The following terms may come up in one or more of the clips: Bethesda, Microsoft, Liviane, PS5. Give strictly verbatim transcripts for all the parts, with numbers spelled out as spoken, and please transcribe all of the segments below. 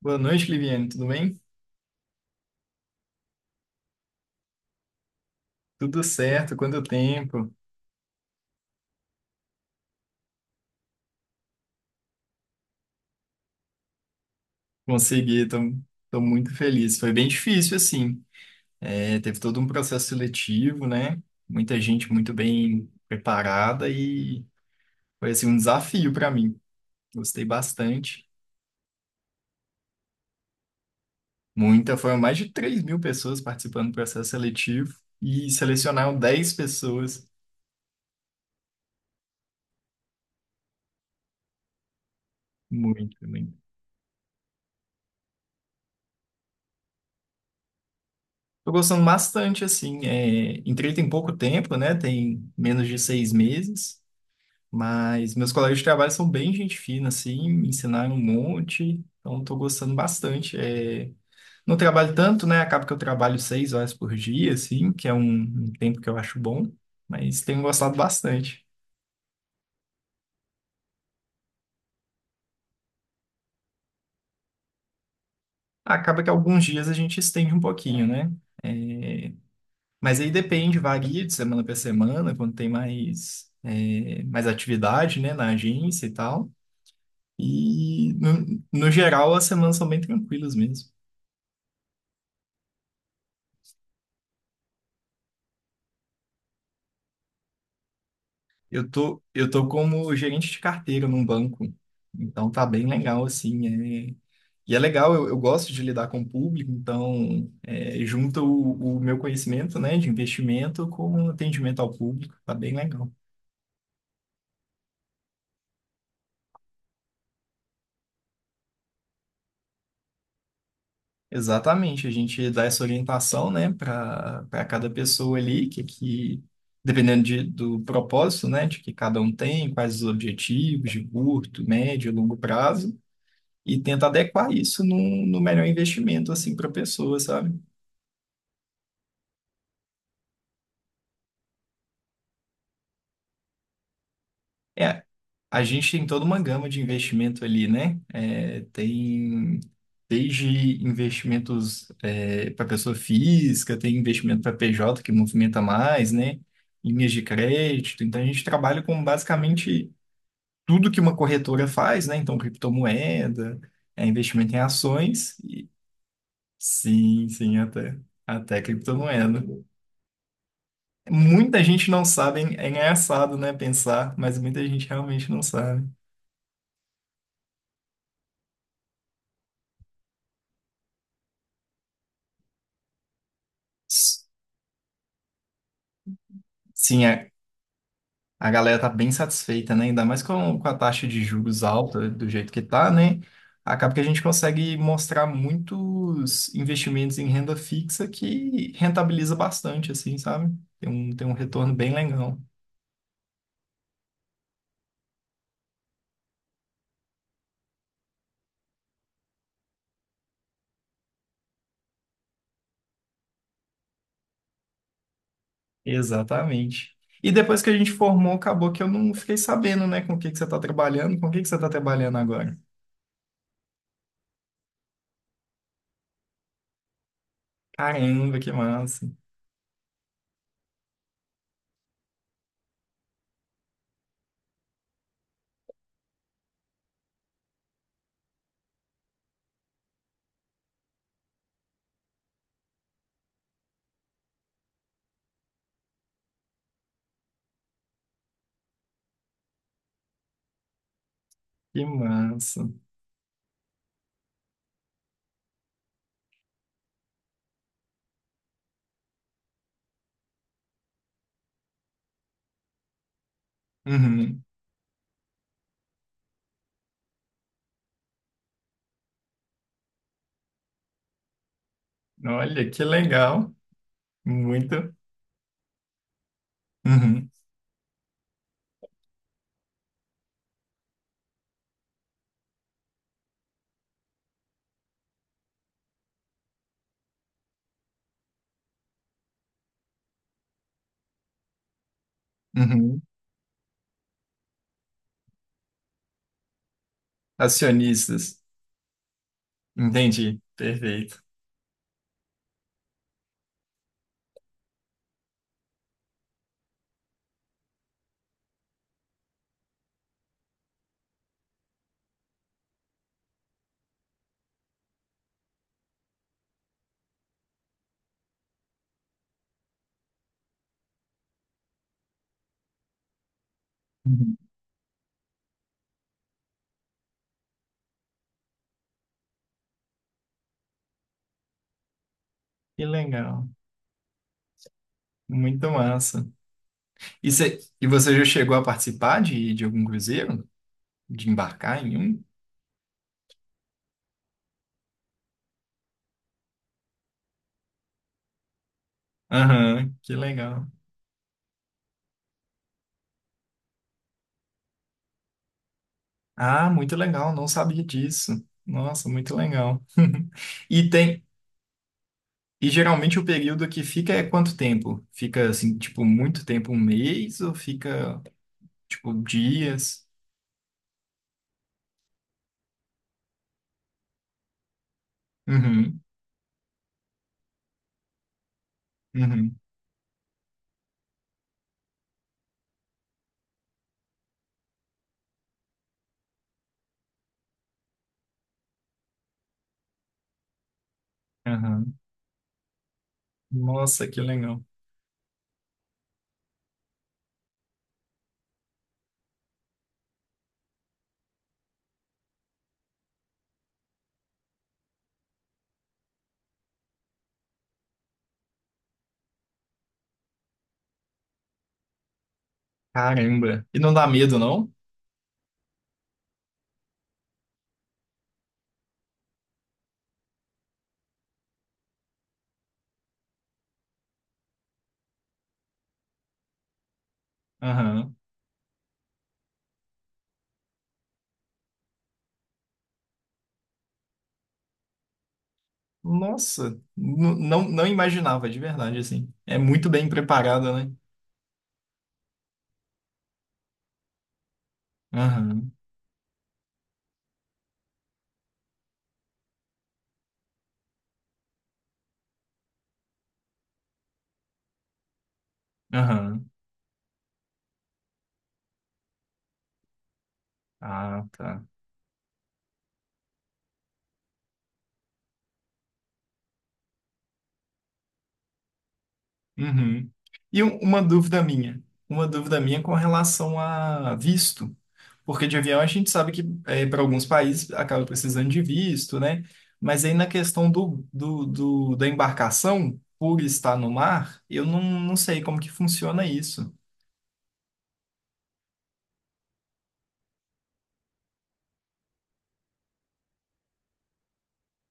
Boa noite, Liviane. Tudo bem? Tudo certo? Quanto tempo? Consegui, estou muito feliz. Foi bem difícil, assim. É, teve todo um processo seletivo, né? Muita gente muito bem preparada e foi assim, um desafio para mim. Gostei bastante. Muita, foram mais de três mil pessoas participando do processo seletivo e selecionaram dez pessoas. Muito, muito. Estou gostando bastante, assim. É, entrei tem pouco tempo, né? Tem menos de seis meses. Mas meus colegas de trabalho são bem gente fina, assim, me ensinaram um monte, então estou gostando bastante. É, não trabalho tanto, né? Acaba que eu trabalho seis horas por dia, assim, que é um, um tempo que eu acho bom, mas tenho gostado bastante. Acaba que alguns dias a gente estende um pouquinho, né? É, mas aí depende, varia de semana para semana, quando tem mais, é, mais atividade, né, na agência e tal. E no, no geral as semanas são bem tranquilas mesmo. Eu tô, eu tô como gerente de carteira num banco, então tá bem legal, assim, é... E é legal, eu, eu gosto de lidar com o público, então é, junta o, o meu conhecimento, né, de investimento com atendimento ao público, tá bem legal. Exatamente, a gente dá essa orientação, né, para para cada pessoa ali, que, que dependendo de, do propósito, né, de que cada um tem, quais os objetivos de curto, médio, longo prazo, e tenta adequar isso no, no melhor investimento assim para a pessoa, sabe? É, a gente tem toda uma gama de investimento ali, né? É, tem desde investimentos para pessoa física, tem investimento para P J que movimenta mais, né? Linhas de crédito. Então a gente trabalha com basicamente tudo que uma corretora faz, né? Então criptomoeda, é, investimento em ações e sim, sim, até até criptomoeda. Muita gente não sabe, hein? É engraçado, né, pensar, mas muita gente realmente não sabe. S- Sim, a, a galera tá bem satisfeita, né? Ainda mais com, com a taxa de juros alta do jeito que tá, né? Acaba que a gente consegue mostrar muitos investimentos em renda fixa que rentabiliza bastante, assim, sabe? Tem um, tem um retorno bem legal. Exatamente. E depois que a gente formou, acabou que eu não fiquei sabendo, né, com o que que você tá trabalhando, com o que que você tá trabalhando agora. Caramba, que massa. Que massa. Uhum. Olha, que legal. Muito. Uhum. Uhum. Acionistas. Entendi. Perfeito. Uhum. Que legal. Muito massa. E, cê- e você já chegou a participar de, de algum cruzeiro? De embarcar em um? Aham, que legal. Ah, muito legal, não sabia disso. Nossa, muito legal. E tem, e geralmente o período que fica é quanto tempo? Fica assim, tipo, muito tempo, um mês, ou fica tipo, dias. Uhum, uhum, aham. Nossa, que legal. Caramba. E não dá medo, não? Aham. Nossa, n- não, não imaginava, de verdade, assim. É muito bem preparada, né? Aham, aham. Ah, tá. Uhum. E um- uma dúvida minha, uma dúvida minha com relação a visto, porque de avião a gente sabe que eh, para alguns países acaba precisando de visto, né? Mas aí na questão do, do, do- da embarcação, por estar no mar, eu não, não sei como que funciona isso.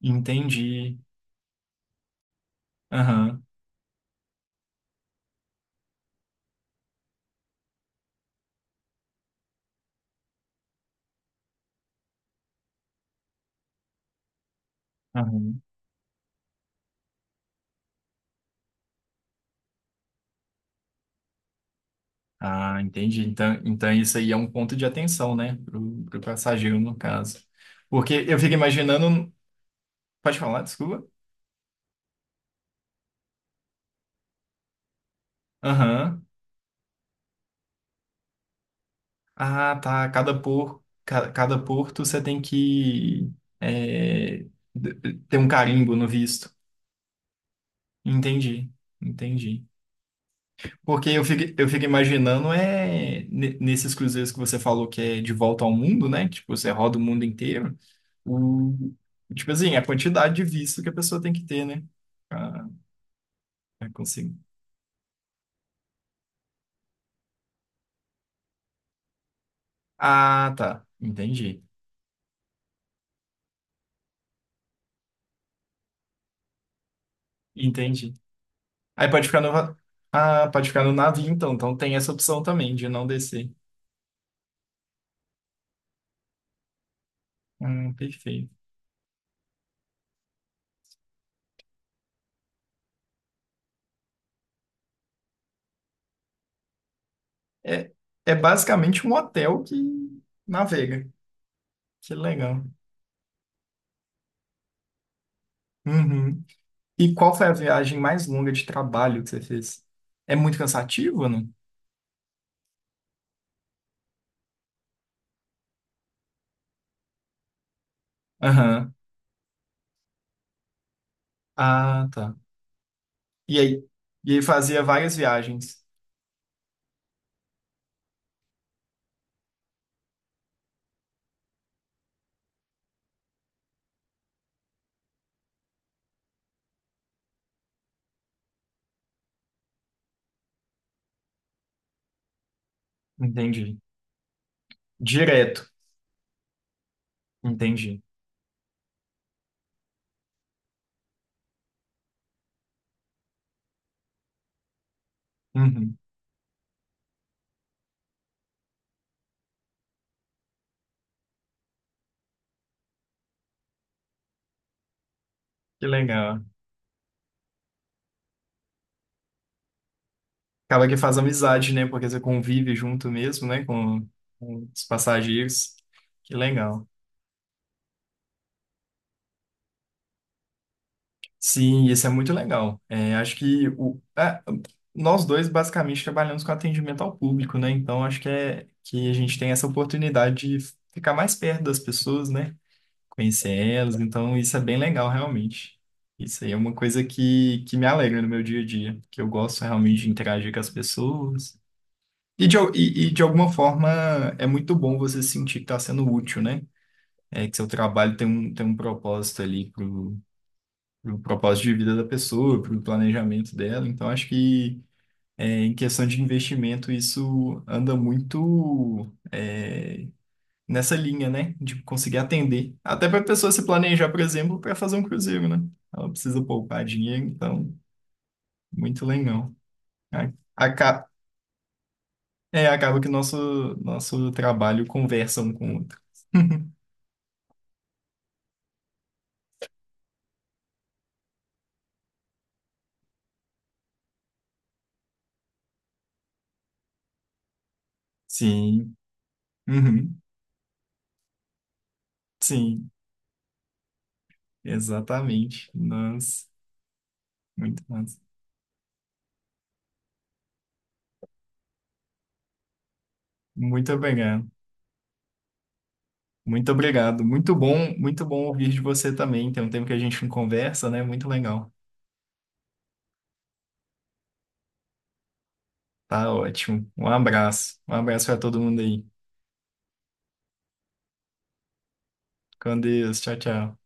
Entendi. Aham, aham. Ah, entendi. Então, então isso aí é um ponto de atenção, né? Pro, pro passageiro, no caso. Porque eu fico imaginando. Pode falar, desculpa. Aham. Ah, tá. Cada por, ca- cada porto você tem que é, d- ter um carimbo no visto. Entendi, entendi. Porque eu fico, eu fico imaginando é ne- nesses cruzeiros que você falou que é de volta ao mundo, né? Tipo, você roda o mundo inteiro. O, tipo assim, a quantidade de visto que a pessoa tem que ter, né? Ah, consigo. Ah, tá. Entendi. Entendi. Aí pode ficar no, va- ah, pode ficar no navio, então. Então tem essa opção também de não descer. Hum, perfeito. É, é basicamente um hotel que navega. Que legal. Uhum. E qual foi a viagem mais longa de trabalho que você fez? É muito cansativo, ou não? Aham. Ah, tá. E aí? E aí fazia várias viagens. Entendi. Direto. Entendi. Uhum. Que legal. Acaba que faz amizade, né? Porque você convive junto mesmo, né? Com, com os passageiros. Que legal. Sim, isso é muito legal. É, acho que o, é, nós dois basicamente trabalhamos com atendimento ao público, né? Então acho que é que a gente tem essa oportunidade de ficar mais perto das pessoas, né? Conhecer elas. Então isso é bem legal, realmente. Isso aí é uma coisa que, que me alegra no meu dia a dia, que eu gosto realmente de interagir com as pessoas. E de, al- e, e de alguma forma é muito bom você sentir que está sendo útil, né? É que seu trabalho tem um, tem um propósito ali pro propósito de vida da pessoa, pro planejamento dela. Então, acho que é, em questão de investimento, isso anda muito é, nessa linha, né? De conseguir atender. Até para a pessoa se planejar, por exemplo, para fazer um cruzeiro, né? Ela precisa poupar dinheiro, então, muito legal. A- Acaba, é, acaba que nosso, nosso trabalho conversa um com o outro. Sim, uhum, sim, exatamente. Nós, muito massa. Muito obrigado. Muito obrigado. Muito bom, muito bom ouvir de você também. Tem um tempo que a gente não conversa, né? Muito legal. Tá ótimo. Um abraço. Um abraço para todo mundo aí. Com Deus. Tchau, tchau.